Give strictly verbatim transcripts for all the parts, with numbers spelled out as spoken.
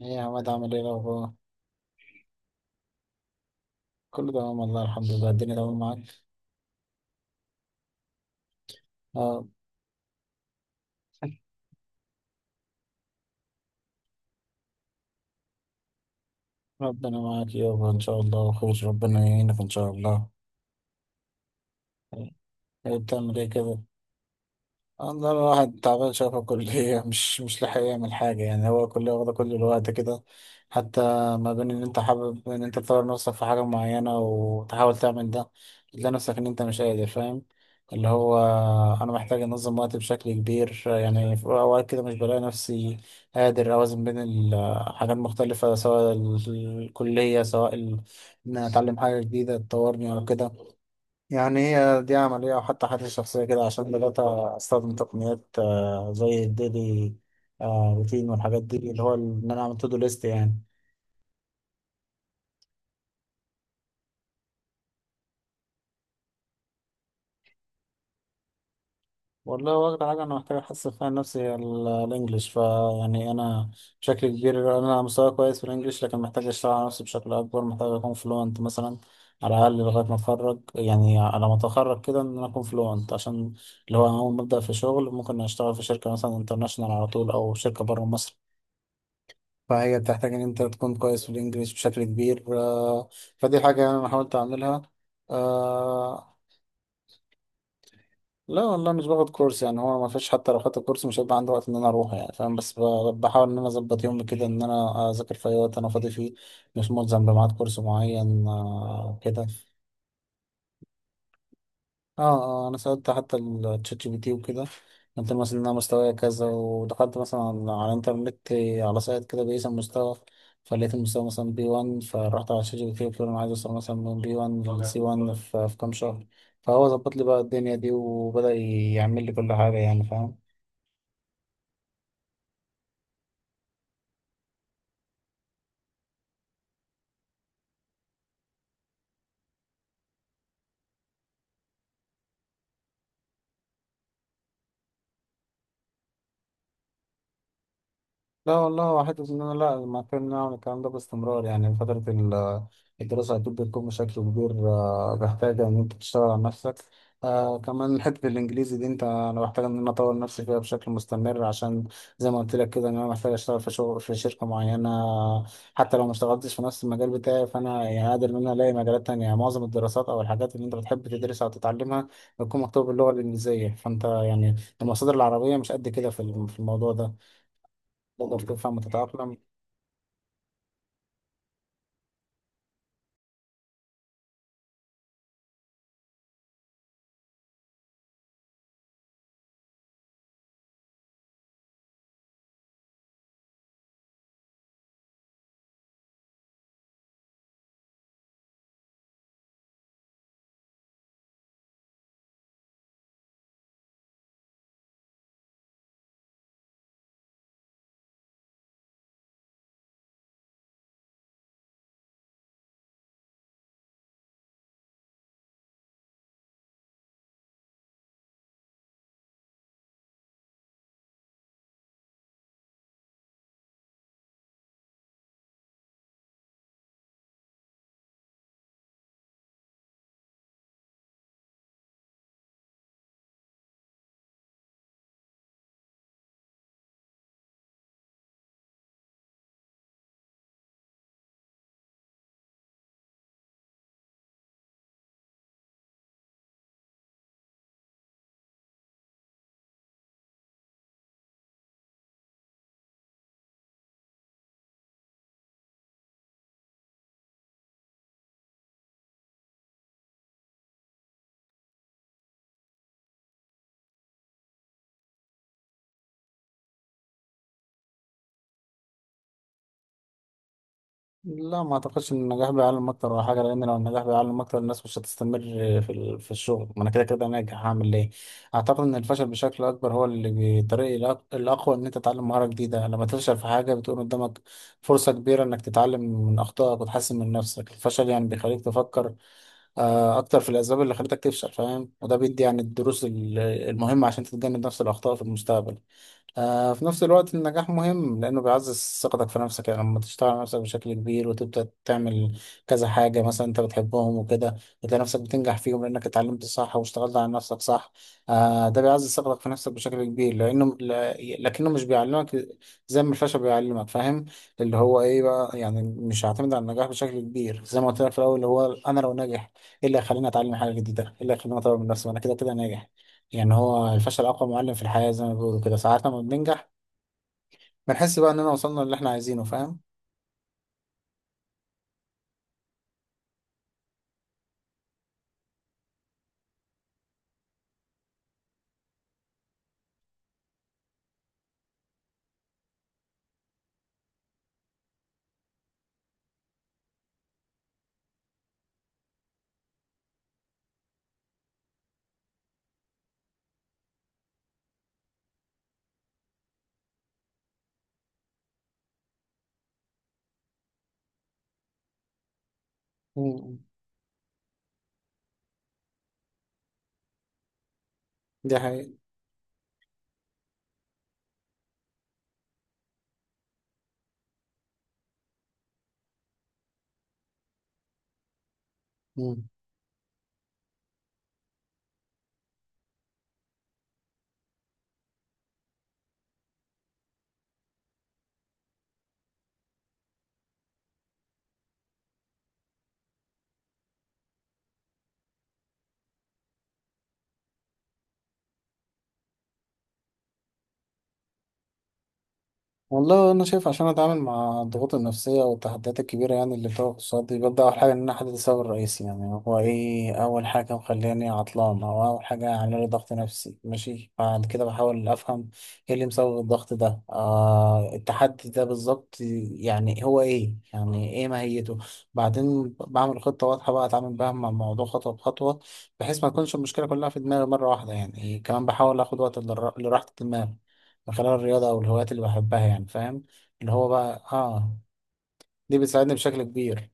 ايه يا عماد عامل ايه الاخبار؟ كله تمام والله، الحمد لله الدنيا تمام معاك. اه، ربنا معاك يابا ان شاء الله، وخير، ربنا يعينك ان شاء الله. ايه بتعمل ايه كده؟ والله الواحد تعبان شوية في الكلية، مش مش لاحق يعمل حاجة، يعني هو الكلية واخدة كل الوقت كده. حتى ما بين إن أنت حابب إن أنت تطور نفسك في حاجة معينة وتحاول تعمل ده، تلاقي نفسك إن أنت مش قادر، فاهم؟ اللي هو أنا محتاج أنظم وقتي بشكل كبير، يعني في أوقات كده مش بلاقي نفسي قادر أوازن بين الحاجات مختلفة، سواء ال- الكلية، سواء ال- إن أنا أتعلم حاجة جديدة تطورني أو كده، يعني هي دي عملية، أو حتى حاجة شخصية كده. عشان بدأت أستخدم تقنيات آه، زي الديلي آه، روتين والحاجات دي، اللي هو إن أنا أعمل تو ليست يعني. والله هو أكتر حاجة أنا محتاج أحسن فيها نفسي، هي ال- الإنجليش، فيعني أنا بشكل كبير أنا مستوى كويس في الإنجليش، لكن محتاج أشتغل على نفسي بشكل أكبر، محتاج أكون فلوينت مثلا، على الأقل لغاية ما أتخرج، يعني على ما أتخرج كده إن أنا أكون فلوينت، عشان اللي هو أول ما أبدأ في شغل ممكن أشتغل في شركة مثلا انترناشونال على طول، أو شركة بره مصر. فهي بتحتاج ان انت تكون كويس في الانجليش بشكل كبير، آه، فدي حاجة يعني انا حاولت اعملها. آه، لا والله مش باخد كورس، يعني هو ما فيش، حتى لو خدت كورس مش هيبقى عندي وقت ان انا اروح، يعني فاهم؟ بس ب- بحاول ان انا اظبط يومي كده، ان انا اذاكر في اي وقت انا فاضي فيه. مش ملزم بميعاد كورس معين آه، كده. اه، اه، انا سألت حتى الشات جي بي تي وكده، قلت له مثلا إن انا مستواي كذا، ودخلت مثلا على على الانترنت على سايت كده بيقيس المستوى، فلقيت المستوى مثلا بي واحد. فرحت على الشات جي بي تي قلت له انا عايز اوصل مثلا من بي واحد لسي واحد في في كام شهر، فهو ظبط لي بقى الدنيا دي، وبدأ يعمل لي كل حاجة، يعني فاهم؟ لا والله هو حتة إن أنا، لا، ما كنا نعمل الكلام ده باستمرار، يعني فترة ال- الدراسة أكيد بتكون بشكل كبير آه، محتاجة إن أنت تشتغل على نفسك. آه كمان حتة الإنجليزي دي، أنت، أنا محتاج إن أنا أطور نفسي فيها بشكل مستمر، عشان زي ما قلت لك كده إن أنا محتاج أشتغل في شغل في شركة معينة. حتى لو ما اشتغلتش في نفس المجال بتاعي، فأنا يعني قادر إن أنا ألاقي مجالات تانية. يعني معظم الدراسات أو الحاجات اللي أنت بتحب تدرسها أو تتعلمها بتكون مكتوبة باللغة الإنجليزية، فأنت يعني المصادر العربية مش قد كده في الم- في الموضوع ده تقدر تفهم وتتأقلم. لا ما أعتقدش إن النجاح بيعلم أكتر ولا حاجة، لأن لو النجاح بيعلم أكتر الناس مش هتستمر في ال- في الشغل، ما أنا كده كده ناجح، هعمل ليه؟ أعتقد إن الفشل بشكل أكبر هو اللي بيطريق الأق- الأقوى إن أنت تتعلم مهارة جديدة. لما تفشل في حاجة بتكون قدامك فرصة كبيرة إنك تتعلم من أخطائك وتحسن من نفسك. الفشل يعني بيخليك تفكر آه، أكتر في الأسباب اللي خلتك تفشل، فاهم؟ وده بيدي يعني الدروس ال- المهمة عشان تتجنب نفس الأخطاء في المستقبل. آه، في نفس الوقت النجاح مهم لأنه بيعزز ثقتك في نفسك، يعني لما تشتغل على نفسك بشكل كبير وتبدأ تعمل كذا حاجة مثلا أنت بتحبهم وكده، بتلاقي نفسك بتنجح فيهم لأنك اتعلمت صح واشتغلت على نفسك صح. آه، ده بيعزز ثقتك في نفسك بشكل كبير، لأنه ل- لكنه مش بيعلمك زي ما الفشل بيعلمك، فاهم؟ اللي هو إيه بقى، يعني مش هعتمد على النجاح بشكل كبير، زي ما قلت لك في الأول، اللي هو أنا لو ناجح إيه اللي هيخليني أتعلم حاجة جديدة؟ إيه اللي هيخليني أطور من نفسي وأنا كده كده ناجح؟ يعني هو الفشل أقوى معلم في الحياة، زي ما بيقولوا كده، ساعات لما بننجح بنحس بقى إننا وصلنا للي إحنا عايزينه، فاهم؟ مم. دي حقيقة. مم. والله انا شايف، عشان اتعامل مع الضغوط النفسيه والتحديات الكبيره يعني اللي بتواجه قصادي، ببدا اول حاجه ان انا احدد السبب الرئيسي، يعني هو ايه اول حاجه مخليني عطلان، او اول حاجه عامله لي ضغط نفسي، ماشي. بعد كده بحاول افهم ايه اللي مسبب الضغط ده، آه، التحدي ده بالظبط، يعني هو ايه، يعني ايه ماهيته. بعدين بعمل خطه واضحه بقى اتعامل بها مع الموضوع خطوه بخطوه، بحيث ما تكونش المشكله كلها في دماغي مره واحده. يعني كمان بحاول اخد وقت للر- لراحه الدماغ من خلال الرياضة أو الهوايات اللي بحبها، يعني فاهم؟ اللي هو بقى آه، دي بتساعدني بشكل كبير.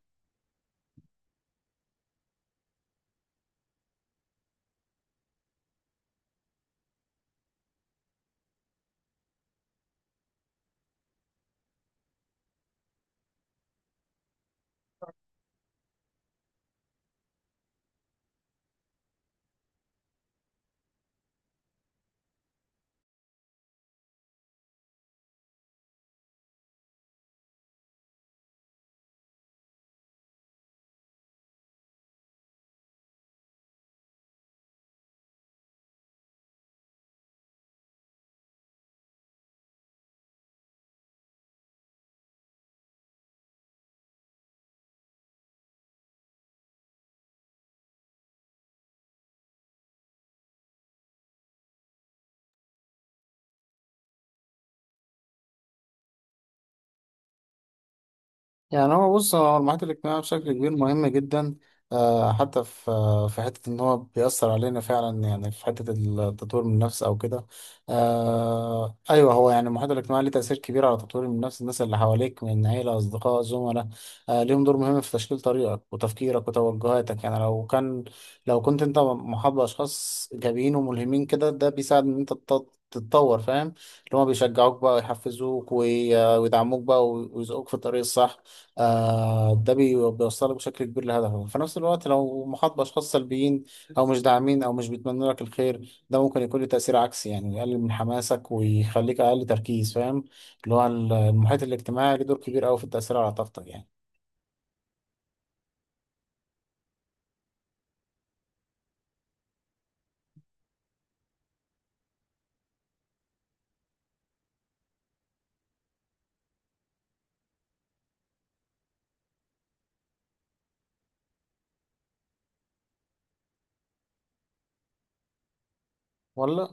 يعني هو بص، هو المحيط الاجتماعي بشكل كبير مهم جدا آه، حتى في آه، في حتة إن هو بيأثر علينا فعلا، يعني في حتة التطوير من النفس أو كده. آه، أيوه هو يعني المحيط الاجتماعي ليه تأثير كبير على تطوير من النفس، الناس اللي حواليك من عيلة، أصدقاء، زملاء، آه، ليهم دور مهم في تشكيل طريقك وتفكيرك وتوجهاتك. يعني لو كان، لو كنت أنت محاط بأشخاص إيجابيين وملهمين كده، ده بيساعد إن أنت تط- تتطور، فاهم؟ اللي هما بيشجعوك بقى ويحفزوك وي- ويدعموك بقى ويزقوك في الطريق الصح. آه ده بي- بيوصلك بشكل كبير لهدفك. في نفس الوقت لو محاط بأشخاص سلبيين أو مش داعمين أو مش بيتمنوا لك الخير، ده ممكن يكون له تأثير عكسي، يعني يقلل من حماسك ويخليك أقل تركيز، فاهم؟ اللي هو المحيط الاجتماعي له دور كبير أوي في التأثير على طاقتك يعني. ولا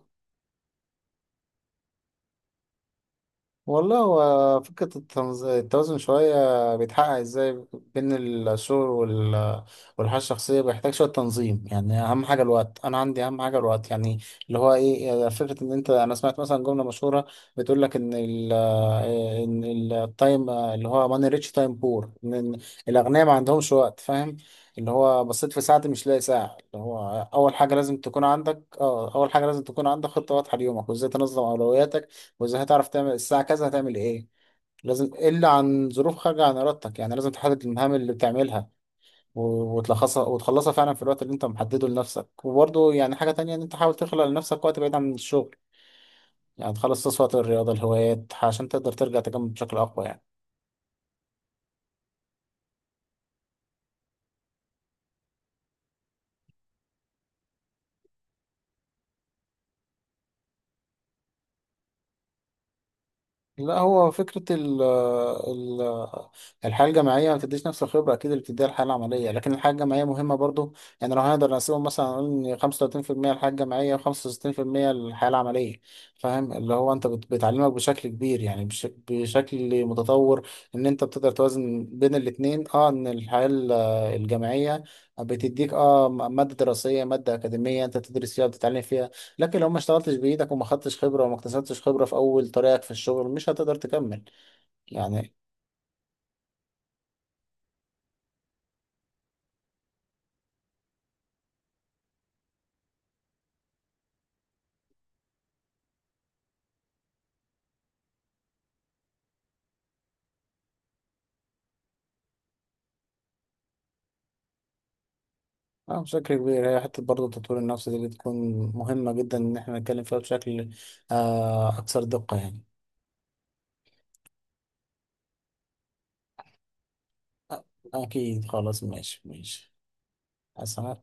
والله هو فكرة التنز- التوازن شوية بيتحقق ازاي بين الشغل وال- والحياة الشخصية، بيحتاج شوية تنظيم. يعني أهم حاجة الوقت، أنا عندي أهم حاجة الوقت يعني. اللي هو إيه يعني، فكرة إن أنت، أنا سمعت مثلا جملة مشهورة بتقول لك إن ال إيه، إن التايم اللي هو ماني ريتش تايم بور، إن إن الأغنياء ما عندهمش وقت، فاهم؟ اللي هو بصيت في ساعتي مش لاقي ساعة، اللي هو أول حاجة لازم تكون عندك، أه أول حاجة لازم تكون عندك خطة واضحة ليومك وإزاي تنظم أولوياتك، واذا هتعرف تعمل الساعة كذا هتعمل ايه. لازم الا عن ظروف خارجة عن ارادتك، يعني لازم تحدد المهام اللي بتعملها و- وتلخصها وتخلصها فعلا في الوقت اللي انت محدده لنفسك. وبرضه يعني حاجة تانية ان انت حاول تخلق لنفسك وقت بعيد عن الشغل، يعني تخلص وقت الرياضة، الهوايات، عشان تقدر ترجع تكمل بشكل اقوى يعني. لا هو فكرة ال ال الحياة الجامعية ما بتديش نفس الخبرة أكيد اللي بتديها الحياة العملية، لكن الحياة الجامعية مهمة برضو. يعني لو هنقدر نقسمهم مثلا نقول إن خمسة وثلاثين في المية الحياة الجامعية وخمسة وستين في المية الحياة العملية، فاهم؟ اللي هو أنت بت- بتعلمك بشكل كبير، يعني بش بشكل متطور إن أنت بتقدر توازن بين الاتنين. أه إن الحياة ال- الجامعية بتديك أه م- مادة دراسية، مادة أكاديمية أنت تدرس فيها وتتعلم فيها، لكن لو ما اشتغلتش بايدك وما خدتش خبره وما اكتسبتش خبره في اول طريقك في الشغل مش هتقدر تكمل يعني. اه بشكل كبير هي حته برضه، تطوير النفس دي بتكون مهمه جدا ان احنا نتكلم فيها بشكل آه اكثر دقه يعني. أ- اكيد خلاص، ماشي ماشي. حسنا.